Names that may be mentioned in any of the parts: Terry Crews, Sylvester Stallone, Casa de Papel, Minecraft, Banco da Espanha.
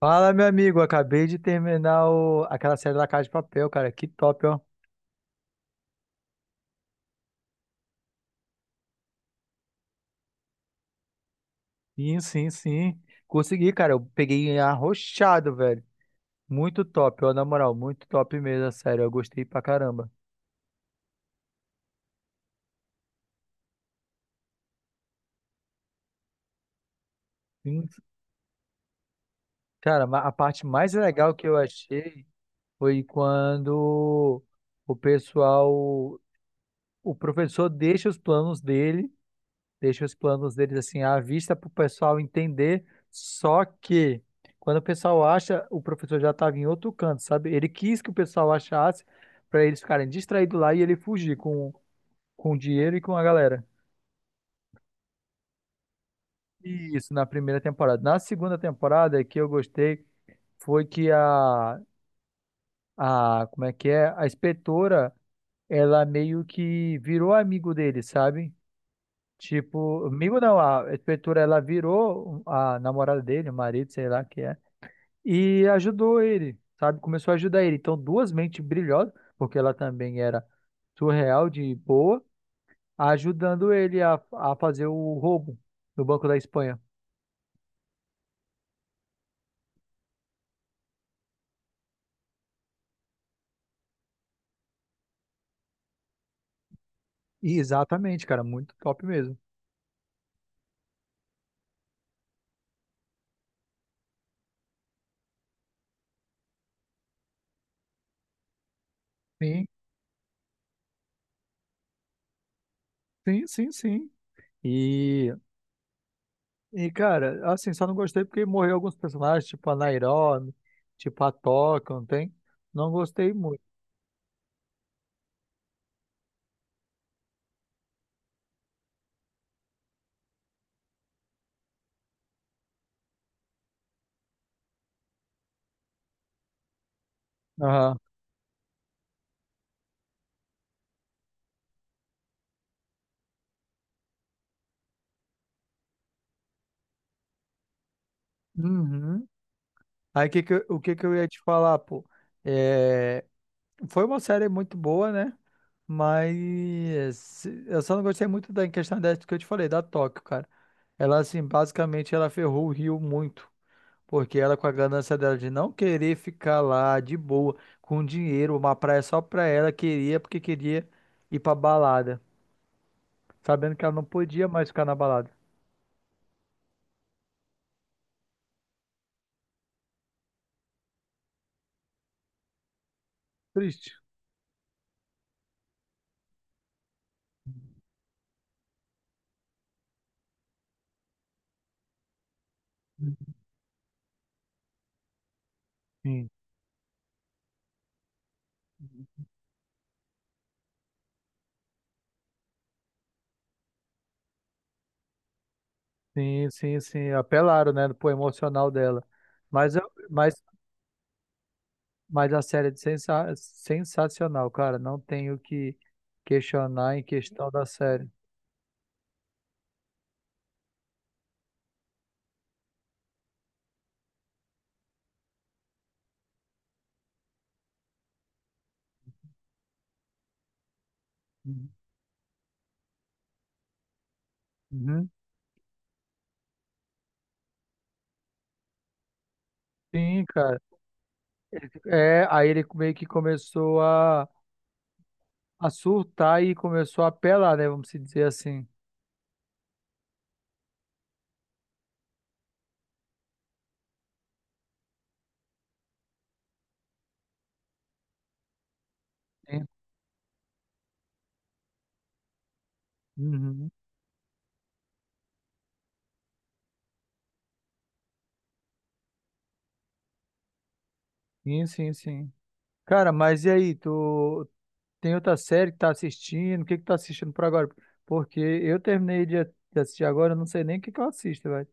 Fala, meu amigo. Acabei de terminar o... aquela série da Casa de Papel, cara. Que top, ó. Sim, sim, sim. Consegui, cara. Eu peguei arrochado, velho. Muito top, ó. Na moral, muito top mesmo, a série. Eu gostei pra caramba. Sim. Cara, a parte mais legal que eu achei foi quando o pessoal, o professor deixa os planos dele. Deixa os planos deles assim à vista para o pessoal entender. Só que quando o pessoal acha, o professor já estava em outro canto, sabe? Ele quis que o pessoal achasse para eles ficarem distraídos lá e ele fugir com o dinheiro e com a galera. Isso na primeira temporada. Na segunda temporada que eu gostei foi que a como é que é? A inspetora, ela meio que virou amigo dele, sabe? Tipo, amigo não, a inspetora, ela virou a namorada dele, o marido, sei lá, que é e ajudou ele, sabe? Começou a ajudar ele. Então, duas mentes brilhosas, porque ela também era surreal de boa, ajudando ele a fazer o roubo no Banco da Espanha. E exatamente, cara, muito top mesmo. Sim, sim, sim, sim. E, e cara, assim, só não gostei porque morreu alguns personagens, tipo a Nairobi, tipo a Toca, não tem? Não gostei muito. Aham. Uhum. Aí o que que eu ia te falar, pô? É, Foi uma série muito boa, né? Mas eu só não gostei muito da em questão dessa que eu te falei, da Tóquio, cara. Ela, assim, basicamente ela ferrou o Rio muito. Porque ela, com a ganância dela de não querer ficar lá de boa, com dinheiro, uma praia só pra ela, queria porque queria ir pra balada. Sabendo que ela não podia mais ficar na balada. Triste. Sim, sim, sim, sim. Apelaram, né, pro emocional dela. Mas, eu- mas Mas a série é sensacional, cara. Não tenho o que questionar em questão da série. Uhum. Sim, cara. É, aí ele meio que começou a surtar e começou a apelar, né? Vamos se dizer assim. Sim. Uhum. Sim, sim, sim. Cara, mas e aí? Tu tem outra série que tá assistindo? O que que tá assistindo por agora? Porque eu terminei de assistir agora, eu não sei nem o que que eu assisto, velho.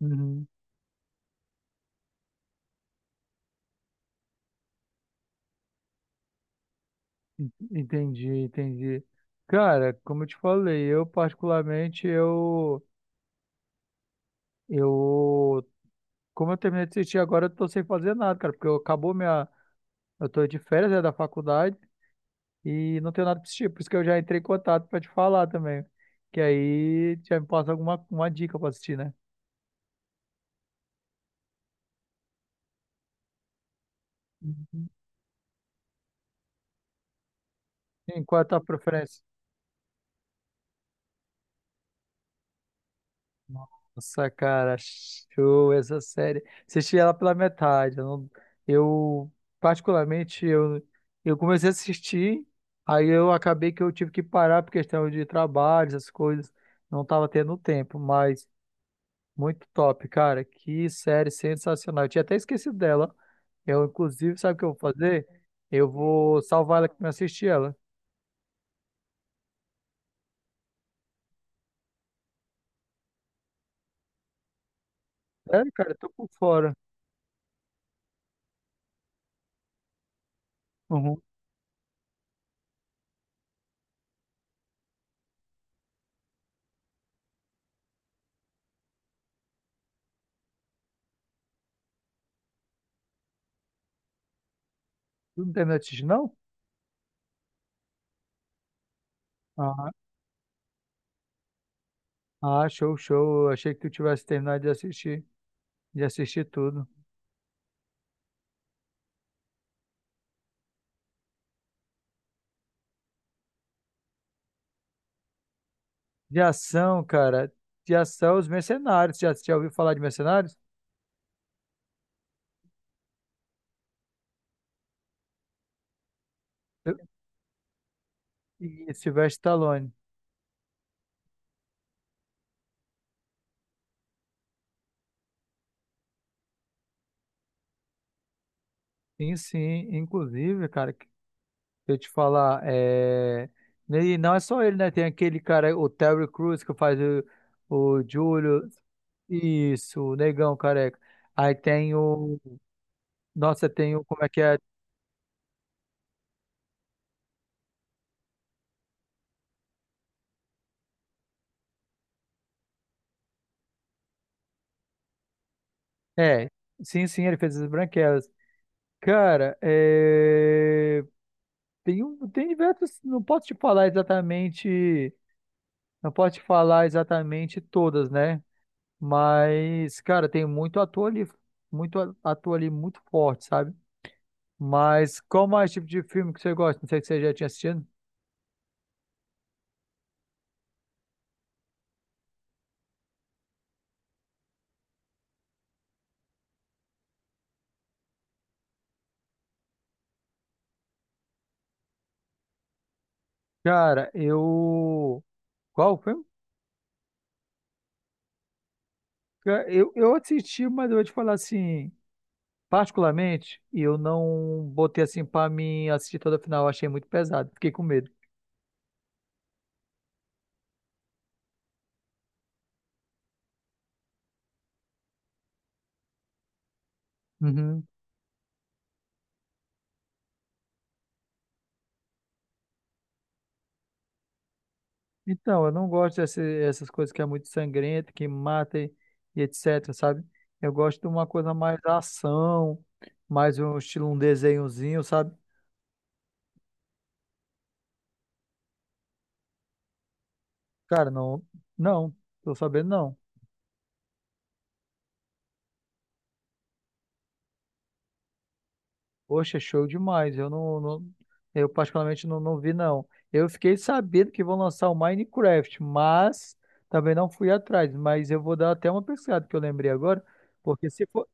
Uhum. Entendi, entendi. Cara, como eu te falei, eu particularmente, eu, como eu terminei de assistir agora, eu tô sem fazer nada, cara, porque eu, acabou minha, eu tô de férias, né, da faculdade e não tenho nada pra assistir, por isso que eu já entrei em contato pra te falar também, que aí já me passa alguma uma dica pra assistir, né? Uhum. Sim, qual é a tua preferência? Nossa, cara, show essa série. Assisti ela pela metade. Eu, não- eu, particularmente, eu comecei a assistir, aí eu acabei que eu tive que parar por questão de trabalho, essas coisas. Não tava tendo tempo, mas muito top, cara. Que série sensacional. Eu tinha até esquecido dela. Eu, inclusive, sabe o que eu vou fazer? Eu vou salvar ela aqui pra assistir ela. Sério, cara, eu tô por fora. Uhum. Tu não terminou de assistir, não? Ah, show, show. Eu achei que tu tivesse terminado de assistir tudo. De ação, cara. De ação, os mercenários. Já, já ouviu falar de mercenários? Eu, e Sylvester Stallone. Sim, sim. Inclusive, cara, deixa eu te falar, é... E não é só ele, né? Tem aquele cara, o Terry Crews, que faz o Júlio. Isso, o negão careca. Aí tem o. Nossa, tem o. Como é que é? É, sim, sim, ele fez as branquelas. Cara, é. Tem diversos, não posso te falar exatamente, não posso te falar exatamente todas, né? Mas, cara, tem muito ator ali, muito ator ali muito forte, sabe? Mas qual mais tipo de filme que você gosta? Não sei se você já tinha assistido. Cara, eu qual filme? Eu assisti, mas eu vou te falar assim, particularmente, eu não botei assim pra mim assistir toda a final, eu achei muito pesado, fiquei com medo. Uhum. Então, eu não gosto dessas essas coisas que é muito sangrenta, que mata e etc, sabe? Eu gosto de uma coisa mais ação, mais um estilo, um desenhozinho, sabe? Cara, não, não, tô sabendo não. Poxa, é show demais. Eu particularmente não, não vi não. Eu fiquei sabendo que vão lançar o Minecraft, mas também não fui atrás. Mas eu vou dar até uma pesquisada que eu lembrei agora, porque se for,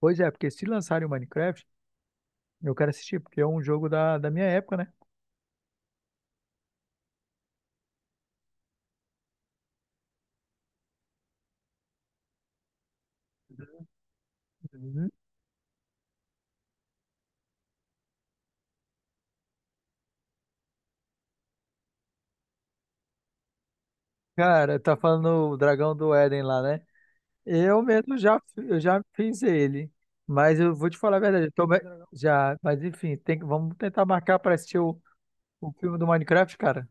pois é, porque se lançarem o Minecraft, eu quero assistir, porque é um jogo da minha época, né? Cara, tá falando o dragão do Éden lá, né? Eu mesmo já, eu já fiz ele. Mas eu vou te falar a verdade. Já, mas enfim, vamos tentar marcar para assistir o filme do Minecraft, cara.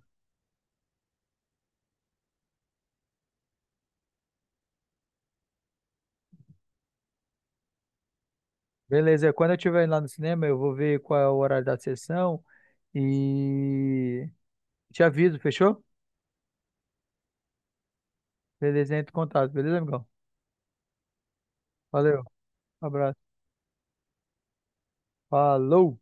Beleza, quando eu estiver lá no cinema, eu vou ver qual é o horário da sessão e te aviso, fechou? Beleza, entre em contato, beleza, amigão? Valeu, abraço. Falou!